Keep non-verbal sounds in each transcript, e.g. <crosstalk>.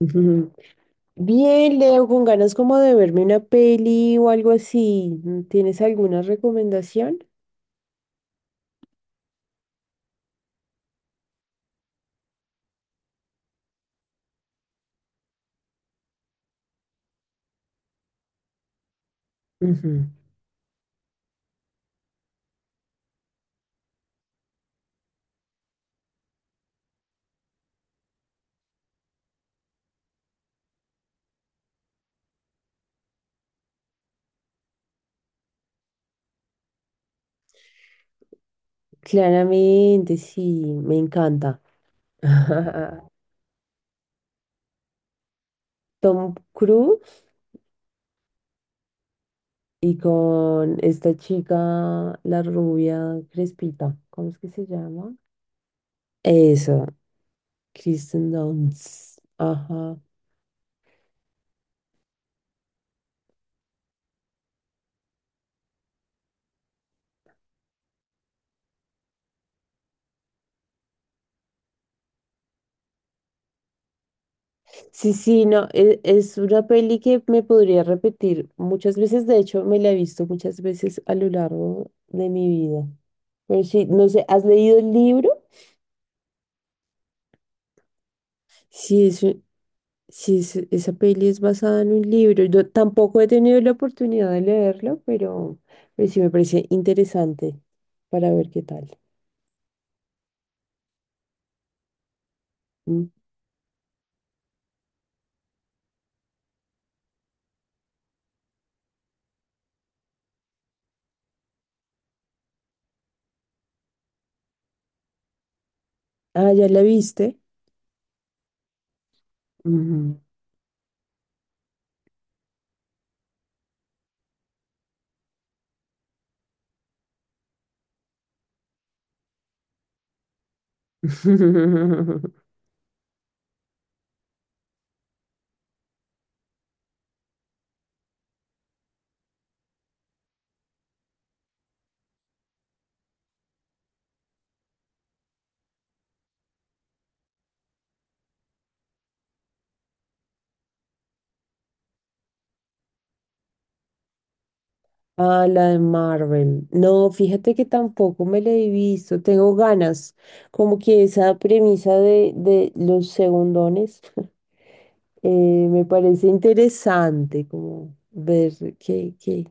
Ujú. Bien, Leo, con ganas como de verme una peli o algo así. ¿Tienes alguna recomendación? Ujú. Claramente, sí, me encanta. <laughs> Tom Cruise y con esta chica, la rubia crespita, ¿cómo es que se llama? Eso, Kristen Dunst. Ajá. Sí, sí, no, es, una peli que me podría repetir muchas veces, de hecho me la he visto muchas veces a lo largo de mi vida. Pero sí, no sé, ¿has leído el libro? Sí, es un- sí es- esa peli es basada en un libro. Yo tampoco he tenido la oportunidad de leerlo, pero sí me parece interesante para ver qué tal. Mm. Ah, ¿ya la viste? Ujú. <laughs> Ah, la de Marvel. No, fíjate que tampoco me la he visto. Tengo ganas. Como que esa premisa de los segundones. <laughs> Me parece interesante, como ver qué, qué,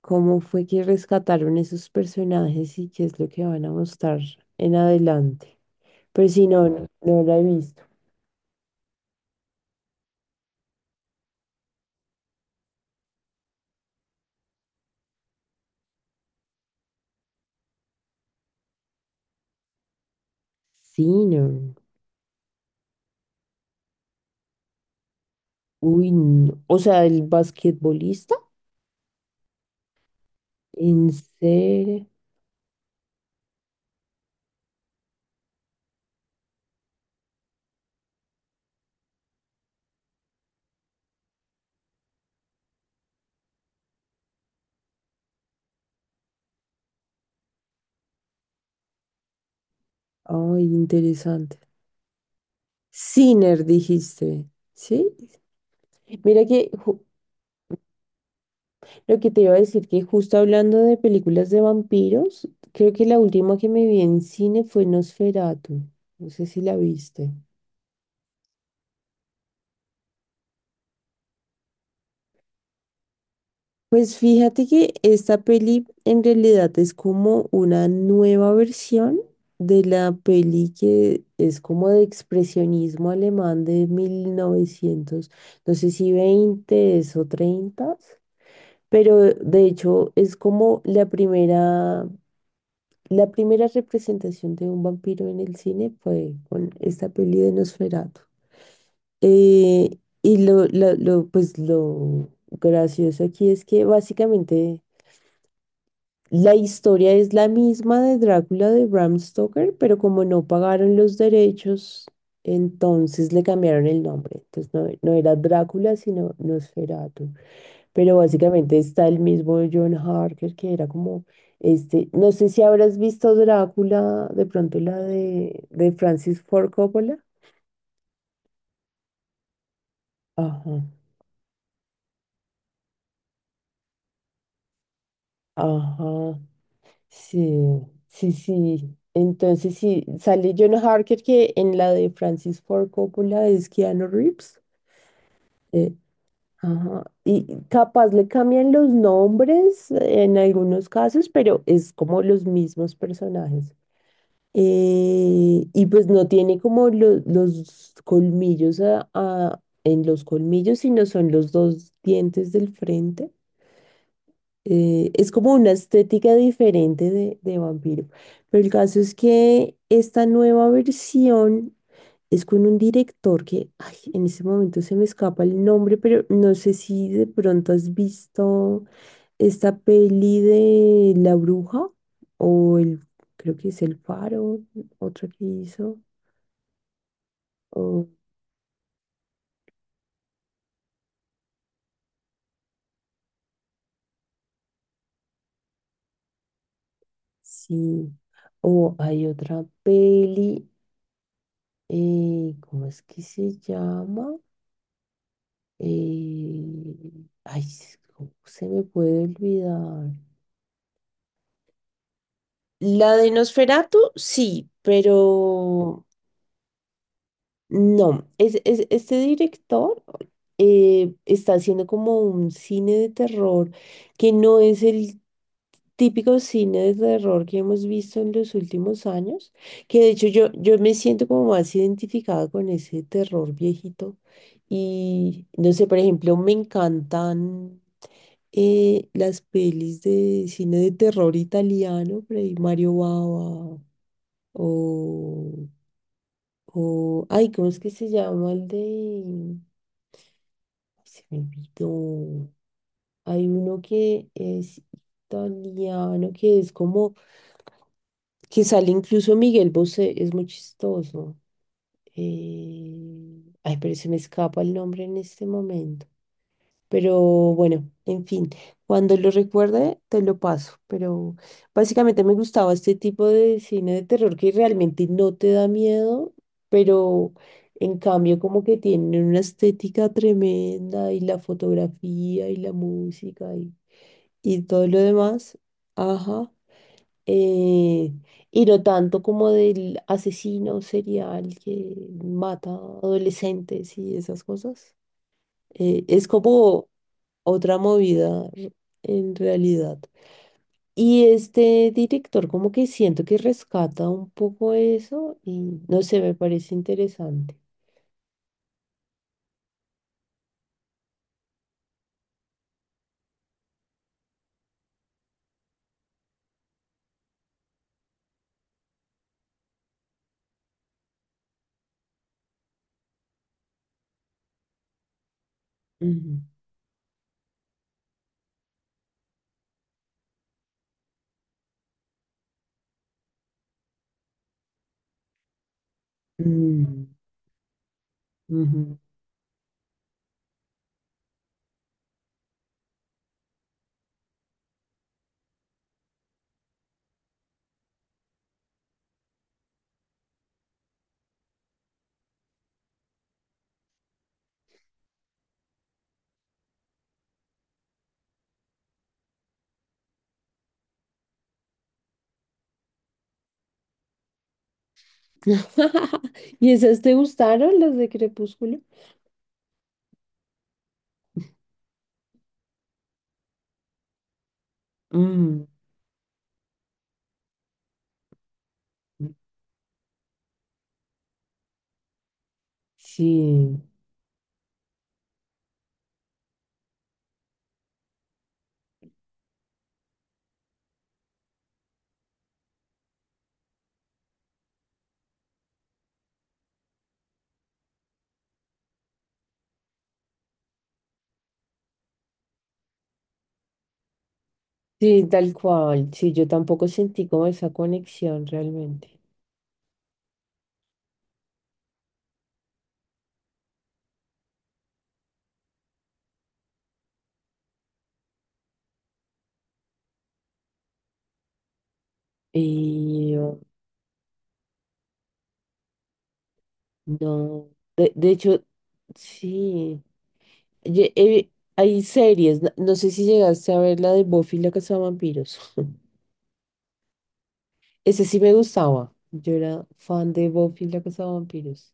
cómo fue que rescataron esos personajes y qué es lo que van a mostrar en adelante. Pero si no, no, no la he visto. Sí, no. Uy, no. O sea, el basquetbolista. En serio. Ay, interesante. Sinner, dijiste, ¿sí? Mira que ju- lo que te iba a decir, que justo hablando de películas de vampiros, creo que la última que me vi en cine fue Nosferatu. No sé si la viste. Pues fíjate que esta peli en realidad es como una nueva versión de la peli que es como de expresionismo alemán de 1900, no sé si 20 o 30. Pero de hecho es como la primera representación de un vampiro en el cine fue con esta peli de Nosferatu. Pues lo gracioso aquí es que básicamente la historia es la misma de Drácula de Bram Stoker, pero como no pagaron los derechos, entonces le cambiaron el nombre. Entonces no, no era Drácula, sino Nosferatu. Pero básicamente está el mismo John Harker que era como este, no sé si habrás visto Drácula, de pronto la de Francis Ford Coppola. Ajá, ajá, sí, sí, sí. Entonces sí, sale John Harker que en la de Francis Ford Coppola es Keanu Reeves. eh, ajá. Y capaz le cambian los nombres en algunos casos, pero es como los mismos personajes. Y pues no tiene como los colmillos en los colmillos, sino son los dos dientes del frente. Es como una estética diferente de vampiro. Pero el caso es que esta nueva versión es con un director que, ay, en este momento se me escapa el nombre, pero no sé si de pronto has visto esta peli de La Bruja, o el, creo que es El Faro, otra que hizo, o sí, o hay otra peli, ¿cómo es que se llama? Eh, ay, ¿cómo se me puede olvidar? La de Nosferatu, sí, pero no, este director está haciendo como un cine de terror que no es el típico cine de terror que hemos visto en los últimos años, que de hecho yo me siento como más identificada con ese terror viejito. Y no sé, por ejemplo, me encantan las pelis de cine de terror italiano, por ahí Mario Bava o... O, ay, ¿cómo es que se llama el de...? Ay, se me olvidó. Hay uno que es italiano, que es como... que sale incluso Miguel Bosé, es muy chistoso. Ay, pero se me escapa el nombre en este momento. Pero bueno, en fin, cuando lo recuerde te lo paso. Pero básicamente me gustaba este tipo de cine de terror que realmente no te da miedo, pero en cambio como que tiene una estética tremenda y la fotografía y la música y todo lo demás. Ajá. Eh, y no tanto como del asesino serial que mata adolescentes y esas cosas, es como otra en realidad. Y este director como que siento que rescata un poco eso y no sé, me parece interesante. Ujú. Mm, ujú. <laughs> ¿Y esas te gustaron, las de Crepúsculo? Mm, sí, sí, tal cual. Sí, yo tampoco sentí como esa conexión realmente. Y oh, no, de hecho, sí. Ye- eh, Hay series, no, no sé si llegaste a ver la de Buffy la cazavampiros. <laughs> Ese sí me gustaba. Yo era fan de Buffy la cazavampiros.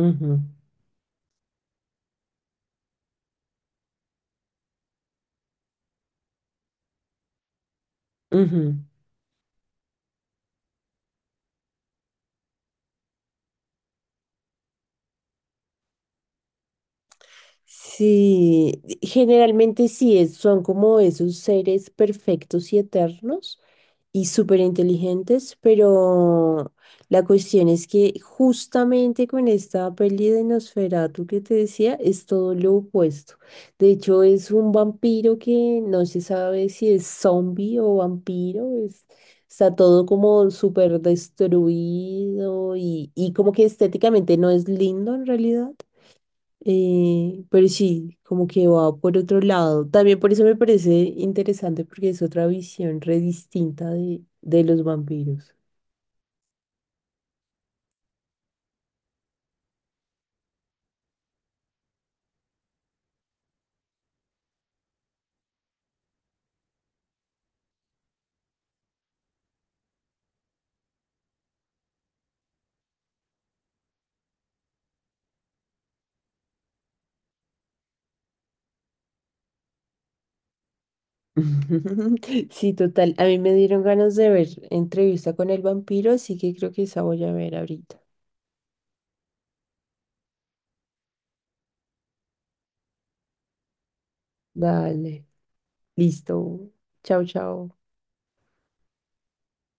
Ujú, ujú. Sí, generalmente sí, son como esos seres perfectos y eternos y súper inteligentes, pero la cuestión es que justamente con esta peli de Nosferatu que te decía, es todo lo opuesto. De hecho, es un vampiro que no se sabe si es zombie o vampiro, está todo como súper destruido y como que estéticamente no es lindo en realidad. Pero sí, como que va por otro lado. También por eso me parece interesante porque es otra visión re distinta de los vampiros. <laughs> Sí, total. A mí me dieron ganas de ver entrevista con el vampiro, así que creo que esa voy a ver ahorita. Dale, listo. Chao, chao.